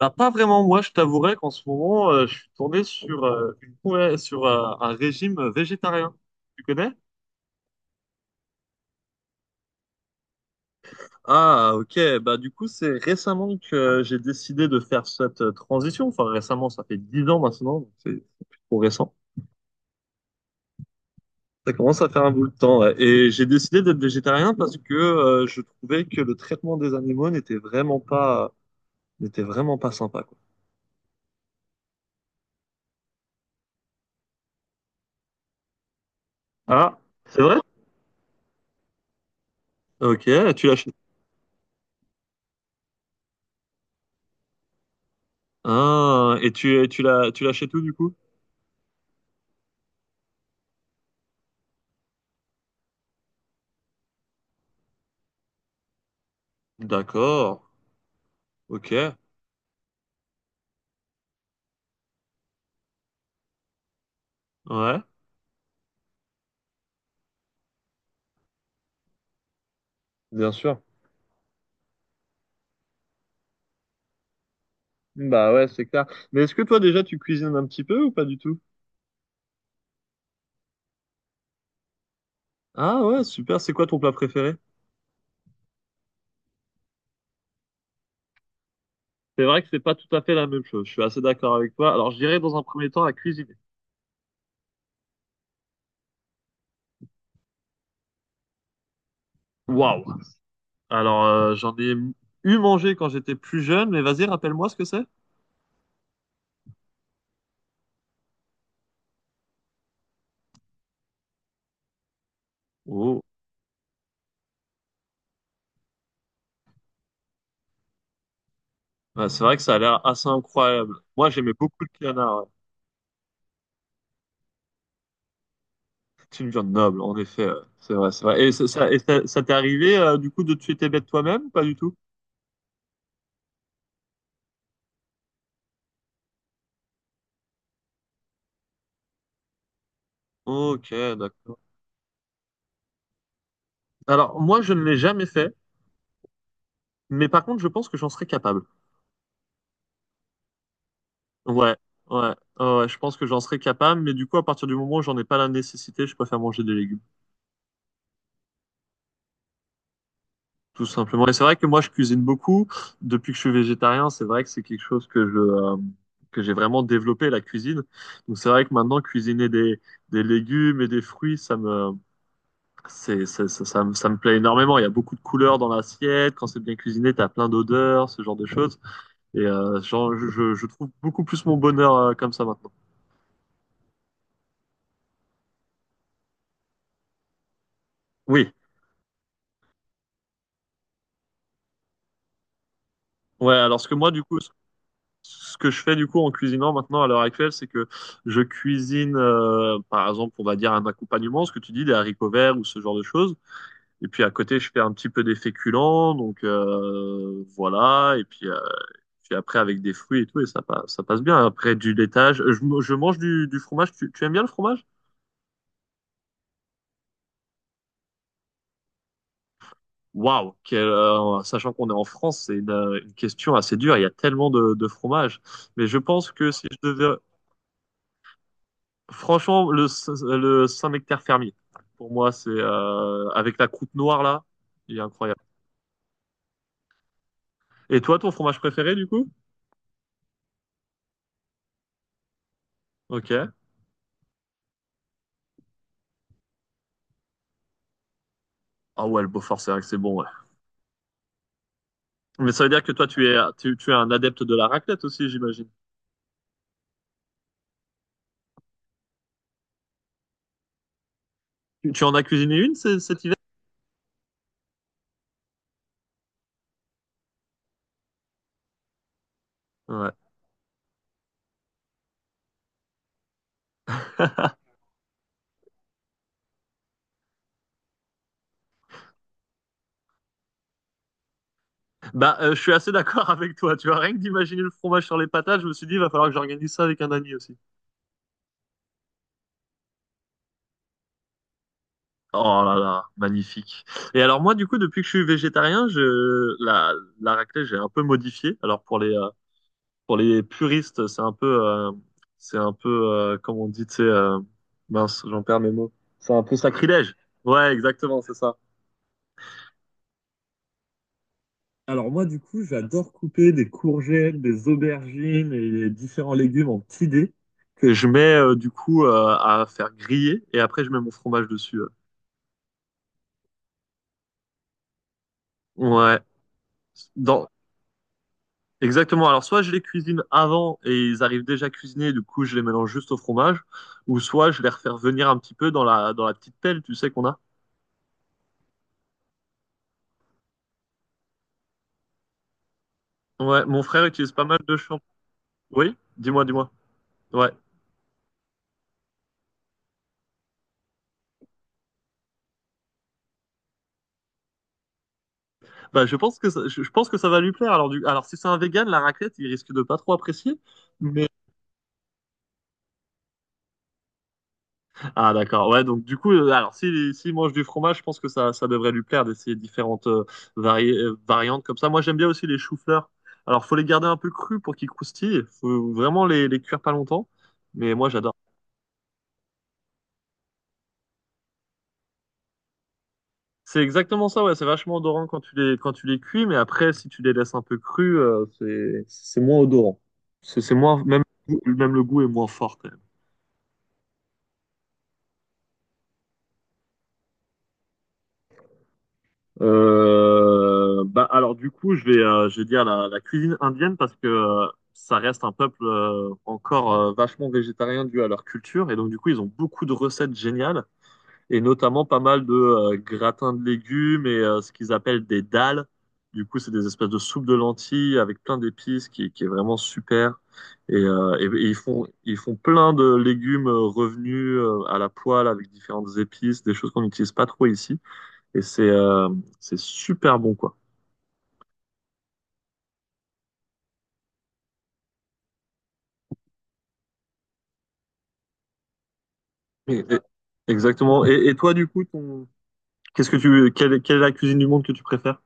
Bah, pas vraiment, moi je t'avouerais qu'en ce moment je suis tourné sur un régime végétarien. Tu connais? Ah ok, bah du coup c'est récemment que j'ai décidé de faire cette transition. Enfin récemment, ça fait 10 ans maintenant, donc c'est plus trop récent. Ça commence à faire un bout de temps, ouais. Et j'ai décidé d'être végétarien parce que je trouvais que le traitement des animaux n'était vraiment pas sympa quoi. Ah, c'est vrai? Ok, tu l'achètes. Ah, et tu l'achètes où du coup? D'accord. Ok, ouais. Bien sûr. Bah ouais, c'est clair. Mais est-ce que toi déjà tu cuisines un petit peu ou pas du tout? Ah ouais, super. C'est quoi ton plat préféré? C'est vrai que c'est pas tout à fait la même chose. Je suis assez d'accord avec toi. Alors, je dirais dans un premier temps à cuisiner. Waouh. Alors, j'en ai eu mangé quand j'étais plus jeune, mais vas-y, rappelle-moi ce que c'est. Oh. Ouais, c'est vrai que ça a l'air assez incroyable. Moi, j'aimais beaucoup le canard, ouais. C'est une viande noble, en effet, ouais. C'est vrai, c'est vrai. Et ça t'est arrivé, du coup, de tuer tes bêtes toi-même? Pas du tout. Ok, d'accord. Alors, moi, je ne l'ai jamais fait, mais par contre, je pense que j'en serais capable. Ouais, ouais, ouais, je pense que j'en serais capable, mais du coup, à partir du moment où j'en ai pas la nécessité, je préfère manger des légumes, tout simplement. Et c'est vrai que moi, je cuisine beaucoup. Depuis que je suis végétarien, c'est vrai que c'est quelque chose que que j'ai vraiment développé, la cuisine. Donc, c'est vrai que maintenant, cuisiner des légumes et des fruits, ça me, c'est- ça, ça me plaît énormément. Il y a beaucoup de couleurs dans l'assiette. Quand c'est bien cuisiné, t'as plein d'odeurs, ce genre de choses. Et je trouve beaucoup plus mon bonheur comme ça maintenant. Oui, ouais, alors ce que moi, du coup, ce ce que je fais du coup en cuisinant maintenant à l'heure actuelle, c'est que je cuisine, par exemple, on va dire un accompagnement, ce que tu dis, des haricots verts ou ce genre de choses. Et puis à côté, je fais un petit peu des féculents, donc voilà. Et puis après, avec des fruits et tout, et ça passe bien. Après, du laitage, je mange du fromage. Tu aimes bien le fromage? Waouh, sachant qu'on est en France, c'est une question assez dure. Il y a tellement de fromages. Mais je pense que si je devais, franchement, le Saint-Nectaire fermier, pour moi, c'est avec la croûte noire là, il est incroyable. Et toi, ton fromage préféré du coup? Ok. Ah ouais, le Beaufort, c'est vrai que c'est bon, ouais. Mais ça veut dire que toi, tu es un adepte de la raclette aussi, j'imagine. Tu en as cuisiné une cet hiver? Ouais. Bah, je suis assez d'accord avec toi. Tu vois, rien que d'imaginer le fromage sur les patates, je me suis dit, il va falloir que j'organise ça avec un ami aussi. Oh là là, magnifique. Et alors moi, du coup, depuis que je suis végétarien, je la la raclette, j'ai un peu modifié. Alors pour les puristes, c'est un peu comment on dit, tu sais, mince, j'en perds mes mots. C'est un peu sacrilège. Ouais, exactement, c'est ça. Alors moi, du coup, j'adore couper des courgettes, des aubergines et les différents légumes en petits dés. Que je mets à faire griller et après je mets mon fromage dessus. Ouais. Dans Exactement. Alors, soit je les cuisine avant et ils arrivent déjà cuisinés, du coup, je les mélange juste au fromage, ou soit je les refais revenir un petit peu dans dans la petite pelle, tu sais qu'on a. Ouais, mon frère utilise pas mal de champ. Oui, dis-moi, dis-moi. Ouais. Bah, je pense que ça, je pense que ça va lui plaire. Alors, alors si c'est un vegan, la raclette, il risque de pas trop apprécier. Mais Ah d'accord, ouais donc du coup, alors s'il mange du fromage, je pense que ça devrait lui plaire d'essayer différentes, varié variantes comme ça. Moi j'aime bien aussi les choux-fleurs. Alors faut les garder un peu crus pour qu'ils croustillent, faut vraiment les cuire pas longtemps, mais moi j'adore. C'est exactement ça, ouais, c'est vachement odorant quand tu les cuis, mais après si tu les laisses un peu crus, c'est moins odorant. C'est moins même même le goût est moins fort quand même. Bah alors du coup je vais dire la cuisine indienne parce que ça reste un peuple encore vachement végétarien dû à leur culture et donc du coup ils ont beaucoup de recettes géniales et notamment pas mal de gratins de légumes et ce qu'ils appellent des dalles. Du coup c'est des espèces de soupes de lentilles avec plein d'épices qui est vraiment super et ils font plein de légumes revenus à la poêle avec différentes épices des choses qu'on n'utilise pas trop ici. Et c'est super bon, quoi. Et- et- exactement. Et toi, du coup, ton... qu'est-ce que tu, quelle, quelle est la cuisine du monde que tu préfères?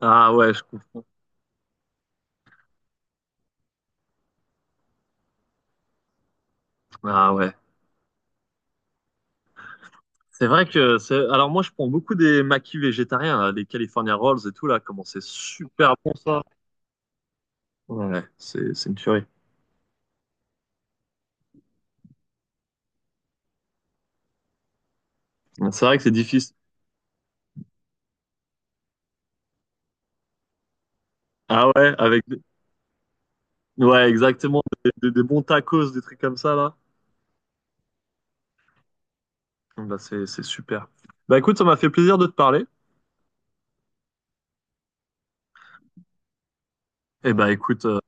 Ah ouais, je comprends. Ah ouais. C'est vrai que c'est. Alors moi, je prends beaucoup des maquis végétariens, là, des California Rolls et tout là. Comment c'est super bon ça. Ouais, c'est une tuerie. C'est vrai que c'est difficile. Ah ouais, avec. des- Ouais, exactement. Des bons tacos, des trucs comme ça là. Bah c'est super. Bah écoute, ça m'a fait plaisir de te parler. Et bah écoute,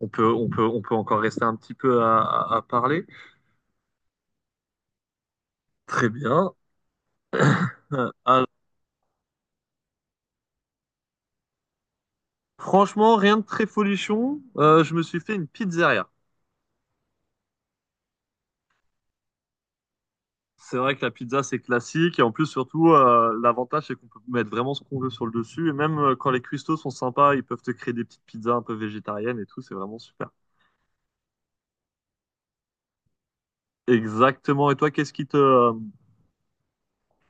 on peut, on peut encore rester un petit peu à parler. Très bien. Alors, franchement, rien de très folichon. Je me suis fait une pizzeria. C'est vrai que la pizza, c'est classique. Et en plus, surtout, l'avantage, c'est qu'on peut mettre vraiment ce qu'on veut sur le dessus. Et même quand les cuistots sont sympas, ils peuvent te créer des petites pizzas un peu végétariennes et tout. C'est vraiment super. Exactement. Et toi, qu'est-ce qui te,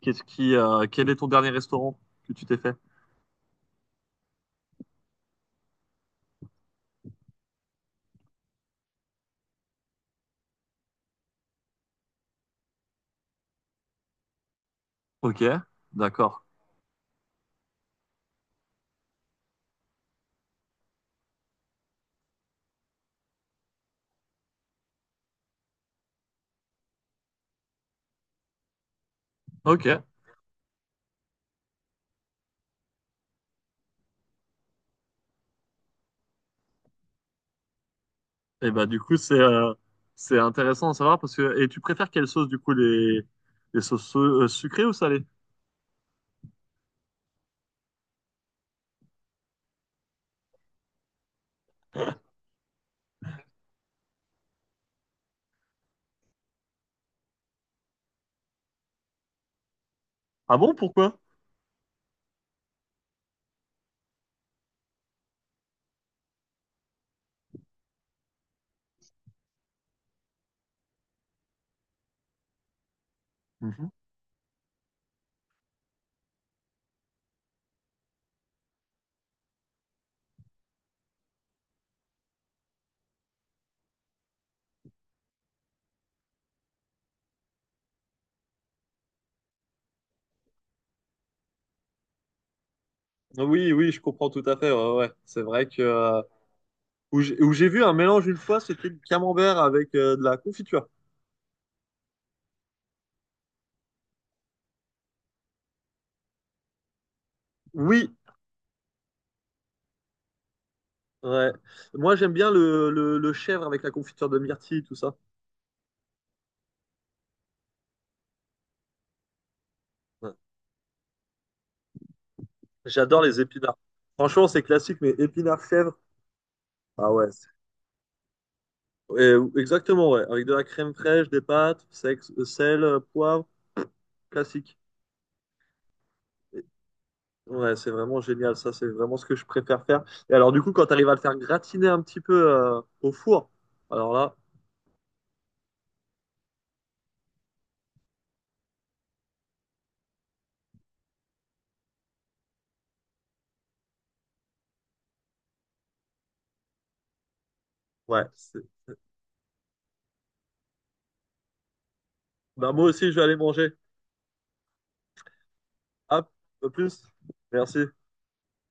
qu'est-ce qui, quel est ton dernier restaurant que tu t'es fait? Ok, d'accord. Ok, Et bah du coup c'est intéressant à savoir parce que et tu préfères quelle sauce du coup les sauces sucrées ou salées? Ah bon, pourquoi? Mhm. Oui, oui, je comprends tout à fait. Ouais, ouais. C'est vrai que où j'ai vu un mélange une fois, c'était du camembert avec de la confiture. Oui, ouais. Moi, j'aime bien le chèvre avec la confiture de myrtille, tout ça. Ouais. J'adore les épinards. Franchement, c'est classique, mais épinards chèvre. Ah ouais. Ouais, exactement, ouais. Avec de la crème fraîche, des pâtes, sel, poivre, classique. Ouais, c'est vraiment génial, ça, c'est vraiment ce que je préfère faire. Et alors, du coup, quand tu arrives à le faire gratiner un petit peu au four, alors là, ouais, c'est... Bah, moi aussi, je vais aller manger. Hop, à plus. Merci.